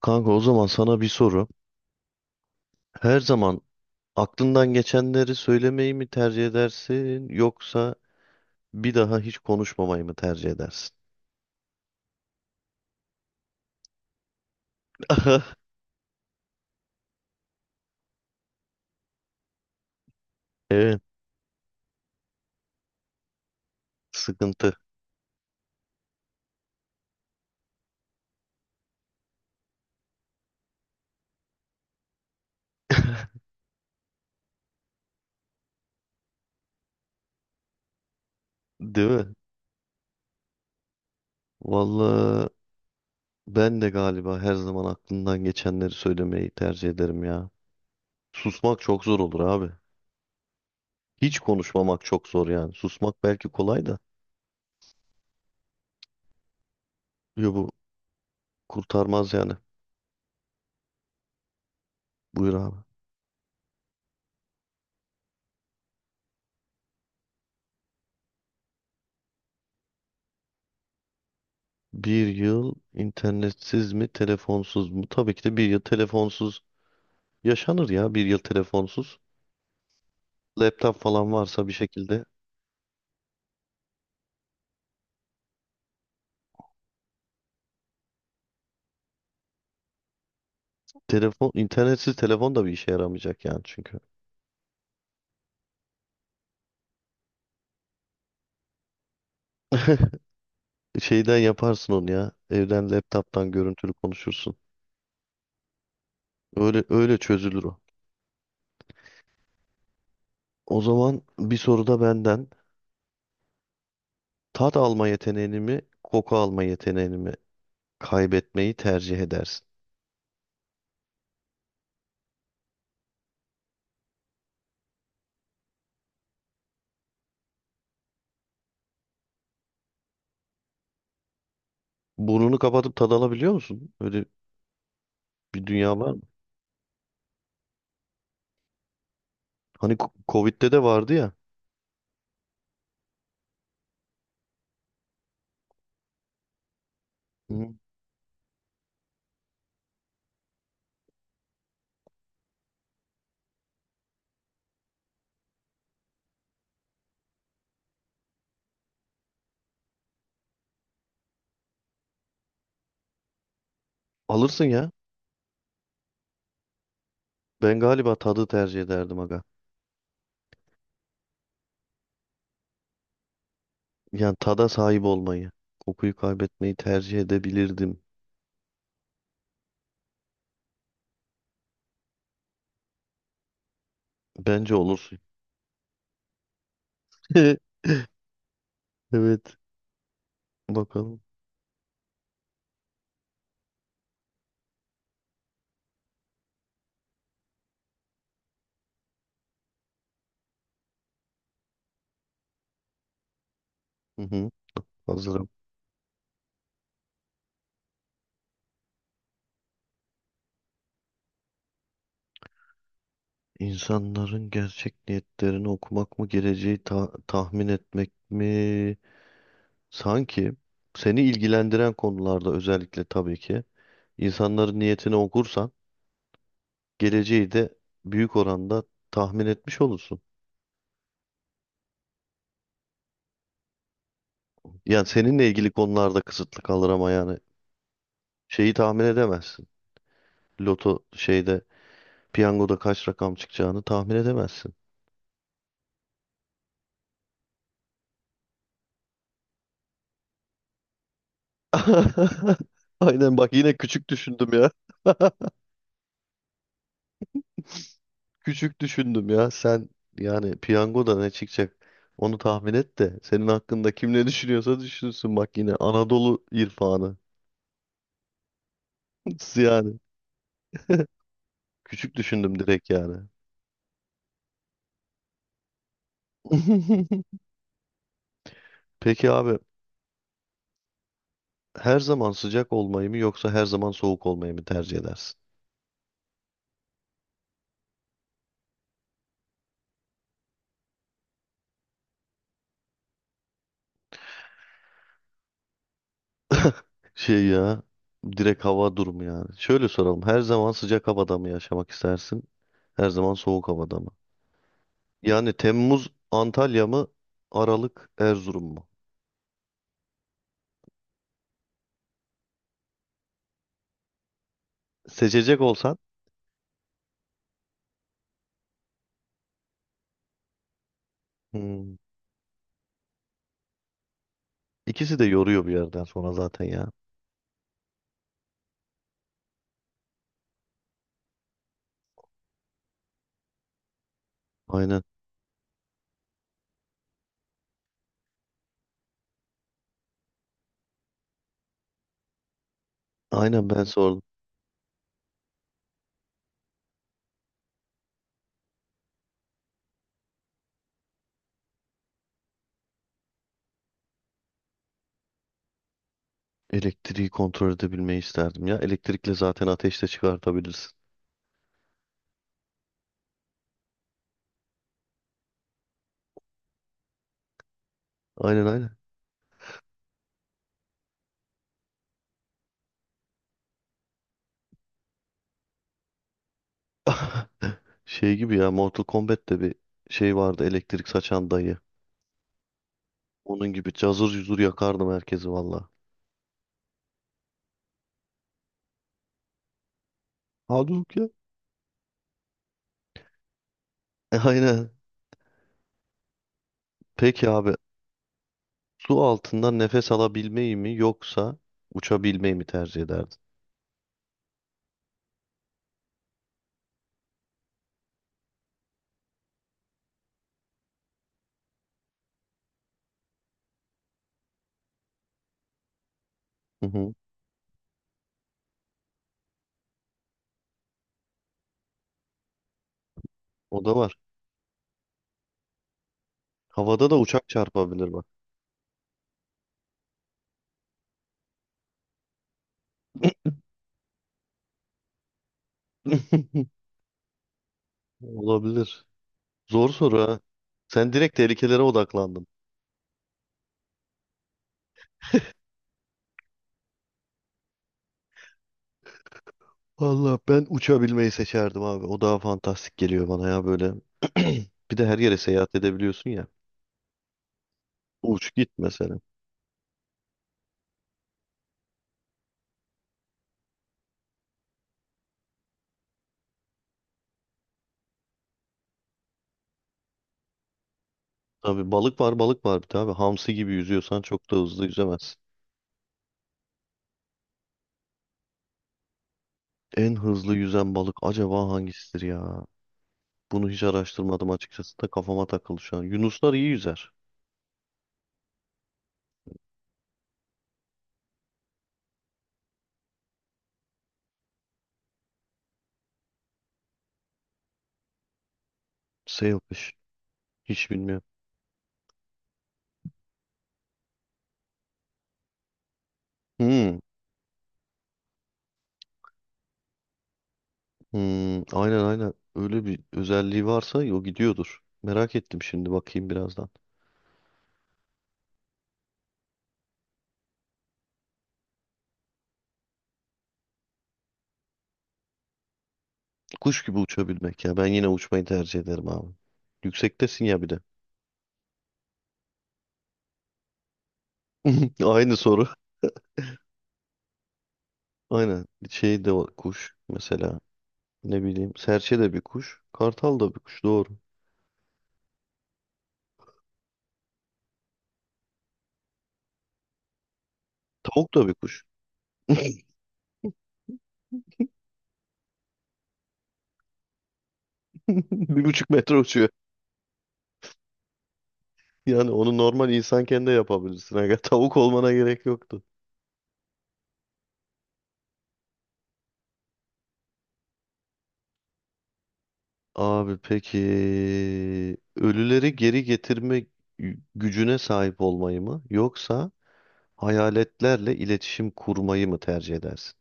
Kanka, o zaman sana bir soru. Her zaman aklından geçenleri söylemeyi mi tercih edersin, yoksa bir daha hiç konuşmamayı mı tercih edersin? Evet, sıkıntı, değil mi? Vallahi ben de galiba her zaman aklından geçenleri söylemeyi tercih ederim ya. Susmak çok zor olur abi. Hiç konuşmamak çok zor yani. Susmak belki kolay da. Yo, bu kurtarmaz yani. Buyur abi. Bir yıl internetsiz mi, telefonsuz mu? Tabii ki de bir yıl telefonsuz. Yaşanır ya bir yıl telefonsuz. Laptop falan varsa bir şekilde. Telefon, internetsiz telefon da bir işe yaramayacak yani, çünkü. Şeyden yaparsın onu ya. Evden laptop'tan görüntülü konuşursun. Öyle öyle çözülür o. O zaman bir soru da benden. Tat alma yeteneğini mi, koku alma yeteneğini mi kaybetmeyi tercih edersin? Burnunu kapatıp tad alabiliyor musun? Öyle bir dünya var mı? Covid'de de vardı ya. Hı. Alırsın ya. Ben galiba tadı tercih ederdim aga. Yani tada sahip olmayı, kokuyu kaybetmeyi tercih edebilirdim. Bence olur. Evet, bakalım. Hı hı, hazırım. İnsanların gerçek niyetlerini okumak mı, geleceği tahmin etmek mi? Sanki seni ilgilendiren konularda özellikle, tabii ki insanların niyetini okursan geleceği de büyük oranda tahmin etmiş olursun. Yani seninle ilgili konularda kısıtlı kalır ama yani şeyi tahmin edemezsin. Loto şeyde, piyangoda kaç rakam çıkacağını tahmin edemezsin. Aynen, bak yine küçük düşündüm ya. Küçük düşündüm ya. Sen yani piyangoda ne çıkacak, onu tahmin et de senin hakkında kim ne düşünüyorsa düşünsün. Bak yine Anadolu irfanı. Yani küçük düşündüm direkt yani. Peki abi, her zaman sıcak olmayı mı yoksa her zaman soğuk olmayı mı tercih edersin? Şey ya, direkt hava durumu yani. Şöyle soralım. Her zaman sıcak havada mı yaşamak istersin? Her zaman soğuk havada mı? Yani Temmuz Antalya mı? Aralık Erzurum mu? Seçecek olsan. Hmm, ikisi de yoruyor bir yerden sonra zaten ya. Aynen. Aynen, ben sordum. Elektriği kontrol edebilmeyi isterdim ya. Elektrikle zaten ateş de çıkartabilirsin. Aynen aynen. Şey gibi ya, Mortal Kombat'te bir şey vardı, elektrik saçan dayı. Onun gibi cazır cuzur yakardım herkesi valla. Halbuki ya. Aynen. Peki abi, su altından nefes alabilmeyi mi yoksa uçabilmeyi mi tercih ederdin? Hı hı. O da var. Havada da uçak çarpabilir bak. Olabilir. Zor soru ha. Sen direkt tehlikelere odaklandın. Valla ben uçabilmeyi seçerdim abi. O daha fantastik geliyor bana ya böyle. Bir de her yere seyahat edebiliyorsun ya. Uç git mesela. Tabii, balık var balık var bir de abi. Hamsi gibi yüzüyorsan çok da hızlı yüzemezsin. En hızlı yüzen balık acaba hangisidir ya? Bunu hiç araştırmadım açıkçası da kafama takıldı şu an. Yunuslar iyi yüzer. Sailfish. Hiç bilmiyorum. Hmm, hmm, aynen aynen. Öyle bir özelliği varsa o gidiyordur. Merak ettim, şimdi bakayım birazdan. Kuş gibi uçabilmek ya. Ben yine uçmayı tercih ederim abi. Yüksektesin ya bir de. Aynı soru. Aynen. Şey de var, kuş mesela. Ne bileyim. Serçe de bir kuş. Kartal da bir kuş. Doğru. Tavuk da bir kuş. 1,5 metre uçuyor. Yani onu normal insanken de yapabilirsin aga. Tavuk olmana gerek yoktu. Abi peki, ölüleri geri getirme gücüne sahip olmayı mı yoksa hayaletlerle iletişim kurmayı mı tercih edersin?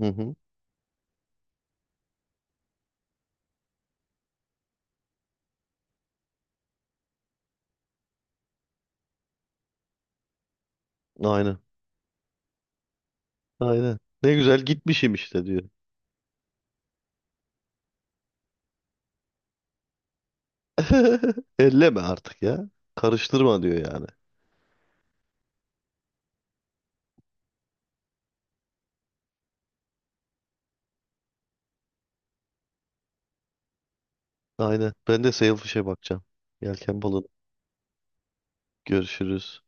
Hı hı. Aynen. Aynen. Ne güzel gitmişim işte diyor. Elleme artık ya. Karıştırma diyor yani. Aynen. Ben de Sailfish'e bakacağım. Yelken balığına. Görüşürüz.